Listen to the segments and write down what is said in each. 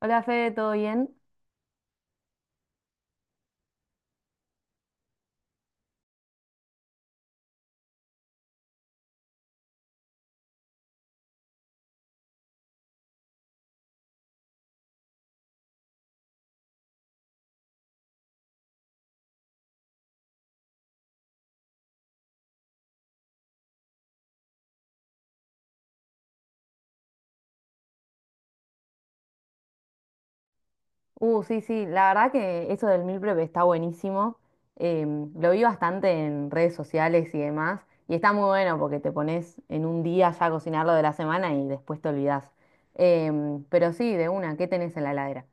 Hola Fede, ¿todo bien? Sí, sí, la verdad que eso del meal prep está buenísimo. Lo vi bastante en redes sociales y demás. Y está muy bueno porque te pones en un día ya a cocinar lo de la semana y después te olvidás. Pero sí, de una, ¿qué tenés en la heladera?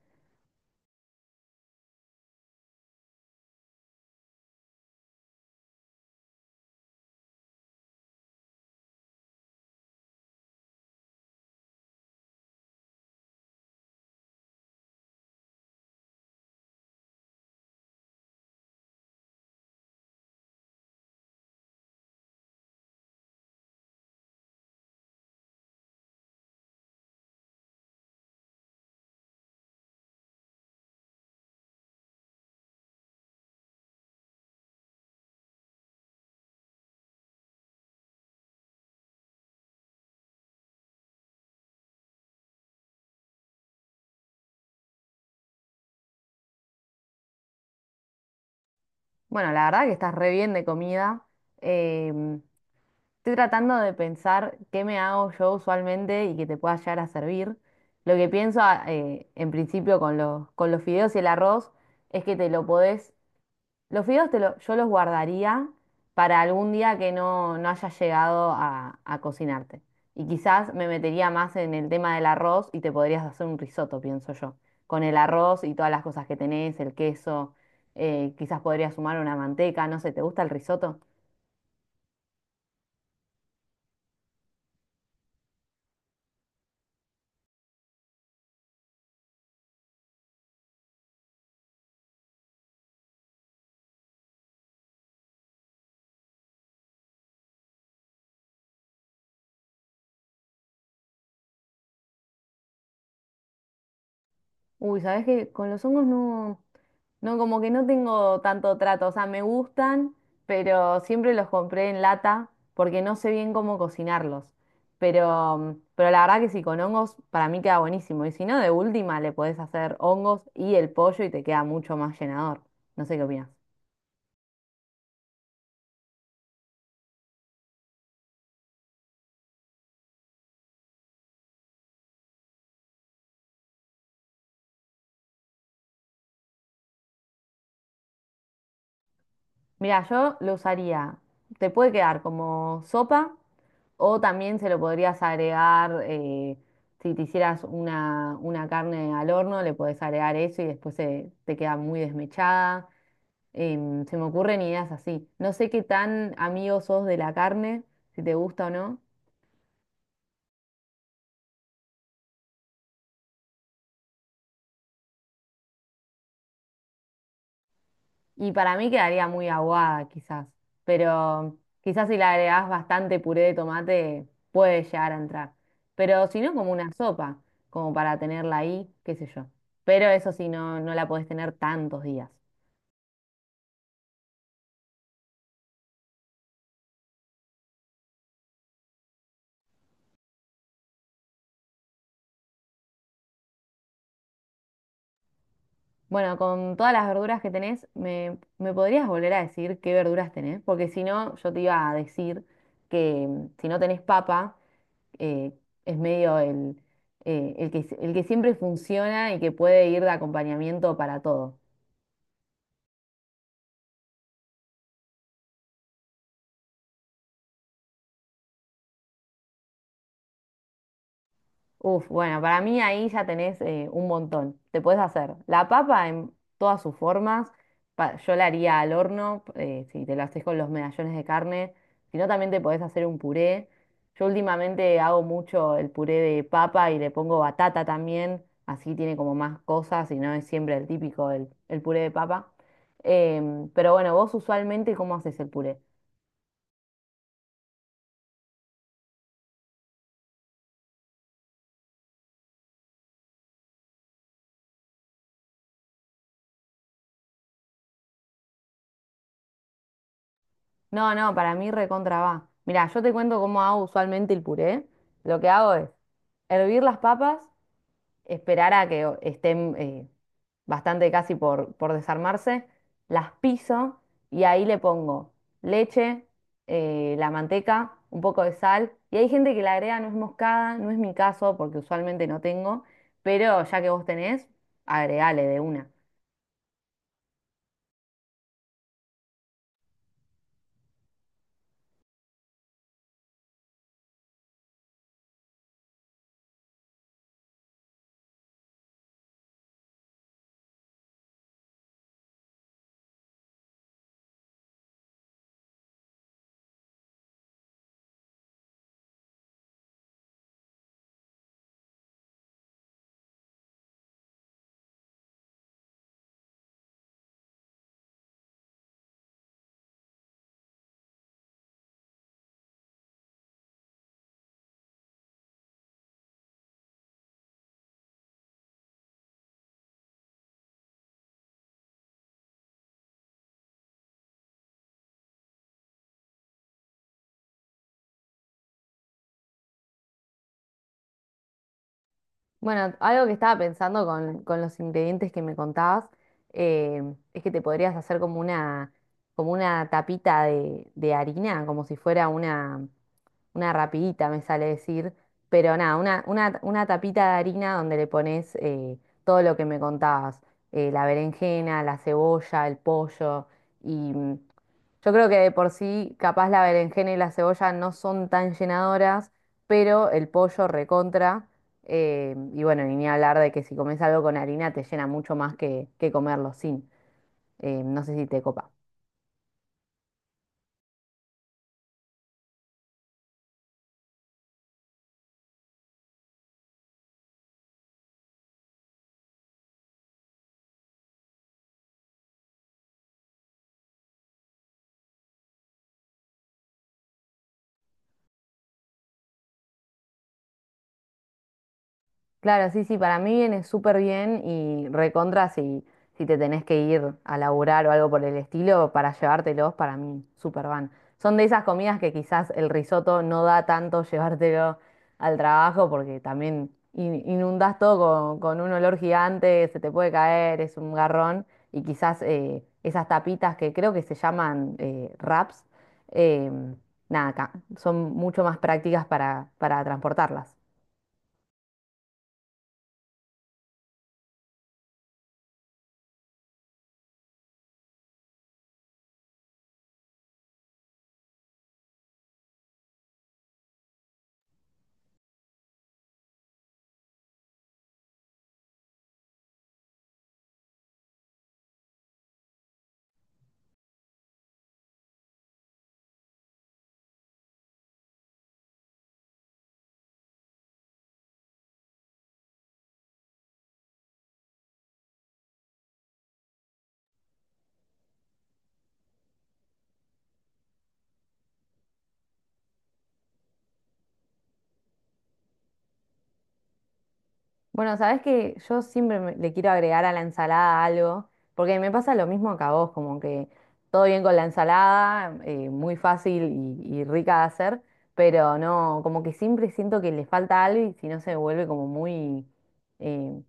Bueno, la verdad que estás re bien de comida. Em, Estoy tratando de pensar qué me hago yo usualmente y que te pueda llegar a servir. Lo que pienso, en principio con los fideos y el arroz es que te lo podés. Los fideos yo los guardaría para algún día que no haya llegado a cocinarte. Y quizás me metería más en el tema del arroz y te podrías hacer un risotto, pienso yo. Con el arroz y todas las cosas que tenés, el queso, quizás podrías sumar una manteca, no sé, ¿te gusta el risotto? Uy, ¿sabes que con los hongos no, no, como que no tengo tanto trato? O sea, me gustan, pero siempre los compré en lata porque no sé bien cómo cocinarlos. Pero la verdad que sí, con hongos para mí queda buenísimo. Y si no, de última le podés hacer hongos y el pollo y te queda mucho más llenador. No sé qué opinas. Mira, yo lo usaría. Te puede quedar como sopa o también se lo podrías agregar, si te hicieras una carne al horno, le podés agregar eso y después se, te queda muy desmechada. Se me ocurren ideas así. No sé qué tan amigo sos de la carne, si te gusta o no. Y para mí quedaría muy aguada, quizás. Pero quizás si le agregás bastante puré de tomate, puede llegar a entrar. Pero si no, como una sopa, como para tenerla ahí, qué sé yo. Pero eso sí, no, no la podés tener tantos días. Bueno, con todas las verduras que tenés, ¿me, me podrías volver a decir qué verduras tenés? Porque si no, yo te iba a decir que mm, si no tenés papa, eh, es medio el que siempre funciona y que puede ir de acompañamiento para todo. Uf, bueno, para mí ahí ya tenés un montón. Te puedes hacer la papa en todas sus formas. Yo la haría al horno, si te la haces con los medallones de carne. Si no, también te podés hacer un puré. Yo últimamente hago mucho el puré de papa y le pongo batata también. Así tiene como más cosas y no es siempre el típico, el puré de papa. Pero bueno, vos usualmente, ¿cómo haces el puré? No, no, para mí recontra va. Mirá, yo te cuento cómo hago usualmente el puré. Lo que hago es hervir las papas, esperar a que estén bastante casi por desarmarse, las piso y ahí le pongo leche, la manteca, un poco de sal. Y hay gente que le agrega nuez moscada, no es mi caso porque usualmente no tengo, pero ya que vos tenés, agregale de una. Bueno, algo que estaba pensando con los ingredientes que me contabas, eh, es que te podrías hacer como como una tapita de harina, como si fuera una rapidita me sale decir, pero nada, una tapita de harina donde le pones todo lo que me contabas, la berenjena, la cebolla, el pollo, y mm, yo creo que de por sí capaz la berenjena y la cebolla no son tan llenadoras, pero el pollo recontra, y bueno, y ni hablar de que si comes algo con harina te llena mucho más que comerlo sin. No sé si te copa. Claro, sí, sí, para mí viene súper bien y recontra si, si te tenés que ir a laburar o algo por el estilo para llevártelos, para mí súper van. Son de esas comidas que quizás el risotto no da tanto llevártelo al trabajo porque también inundás todo con un olor gigante, se te puede caer, es un garrón y quizás esas tapitas que creo que se llaman wraps, em, nada, son mucho más prácticas para transportarlas. Bueno, sabes que yo siempre le quiero agregar a la ensalada algo, porque me pasa lo mismo que a vos, como que todo bien con la ensalada, muy fácil y rica de hacer, pero no, como que siempre siento que le falta algo y si no se vuelve como muy, eh,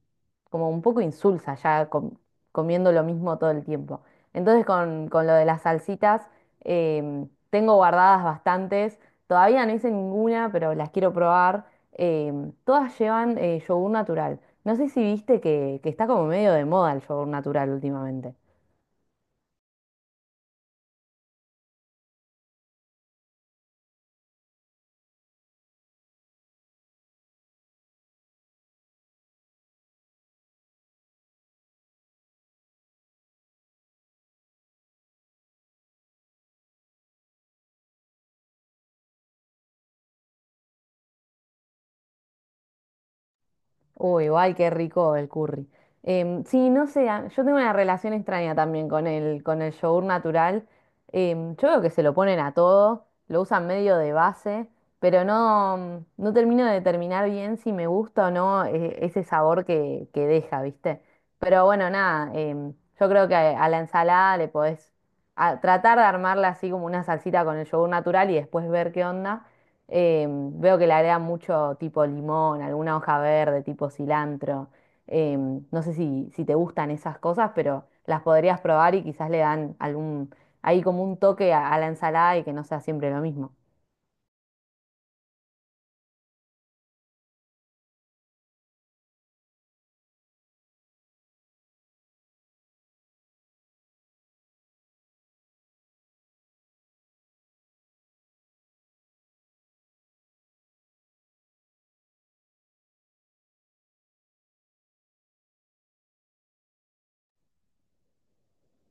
como un poco insulsa ya comiendo lo mismo todo el tiempo. Entonces con lo de las salsitas, em, tengo guardadas bastantes, todavía no hice ninguna, pero las quiero probar. Todas llevan yogur natural. No sé si viste que está como medio de moda el yogur natural últimamente. Uy, guay, qué rico el curry. Sí, no sé, yo tengo una relación extraña también con el yogur natural. Yo veo que se lo ponen a todo, lo usan medio de base, pero no, no termino de determinar bien si me gusta o no ese sabor que deja, ¿viste? Pero bueno, nada, em, yo creo que a la ensalada le podés tratar de armarla así como una salsita con el yogur natural y después ver qué onda. Veo que le agrega mucho tipo limón, alguna hoja verde, tipo cilantro. No sé si, si te gustan esas cosas, pero las podrías probar y quizás le dan algún, ahí como un toque a la ensalada y que no sea siempre lo mismo.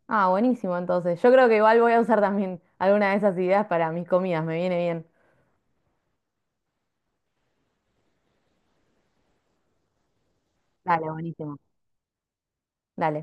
Ah, buenísimo, entonces. Yo creo que igual voy a usar también alguna de esas ideas para mis comidas, me viene bien. Dale, buenísimo. Dale.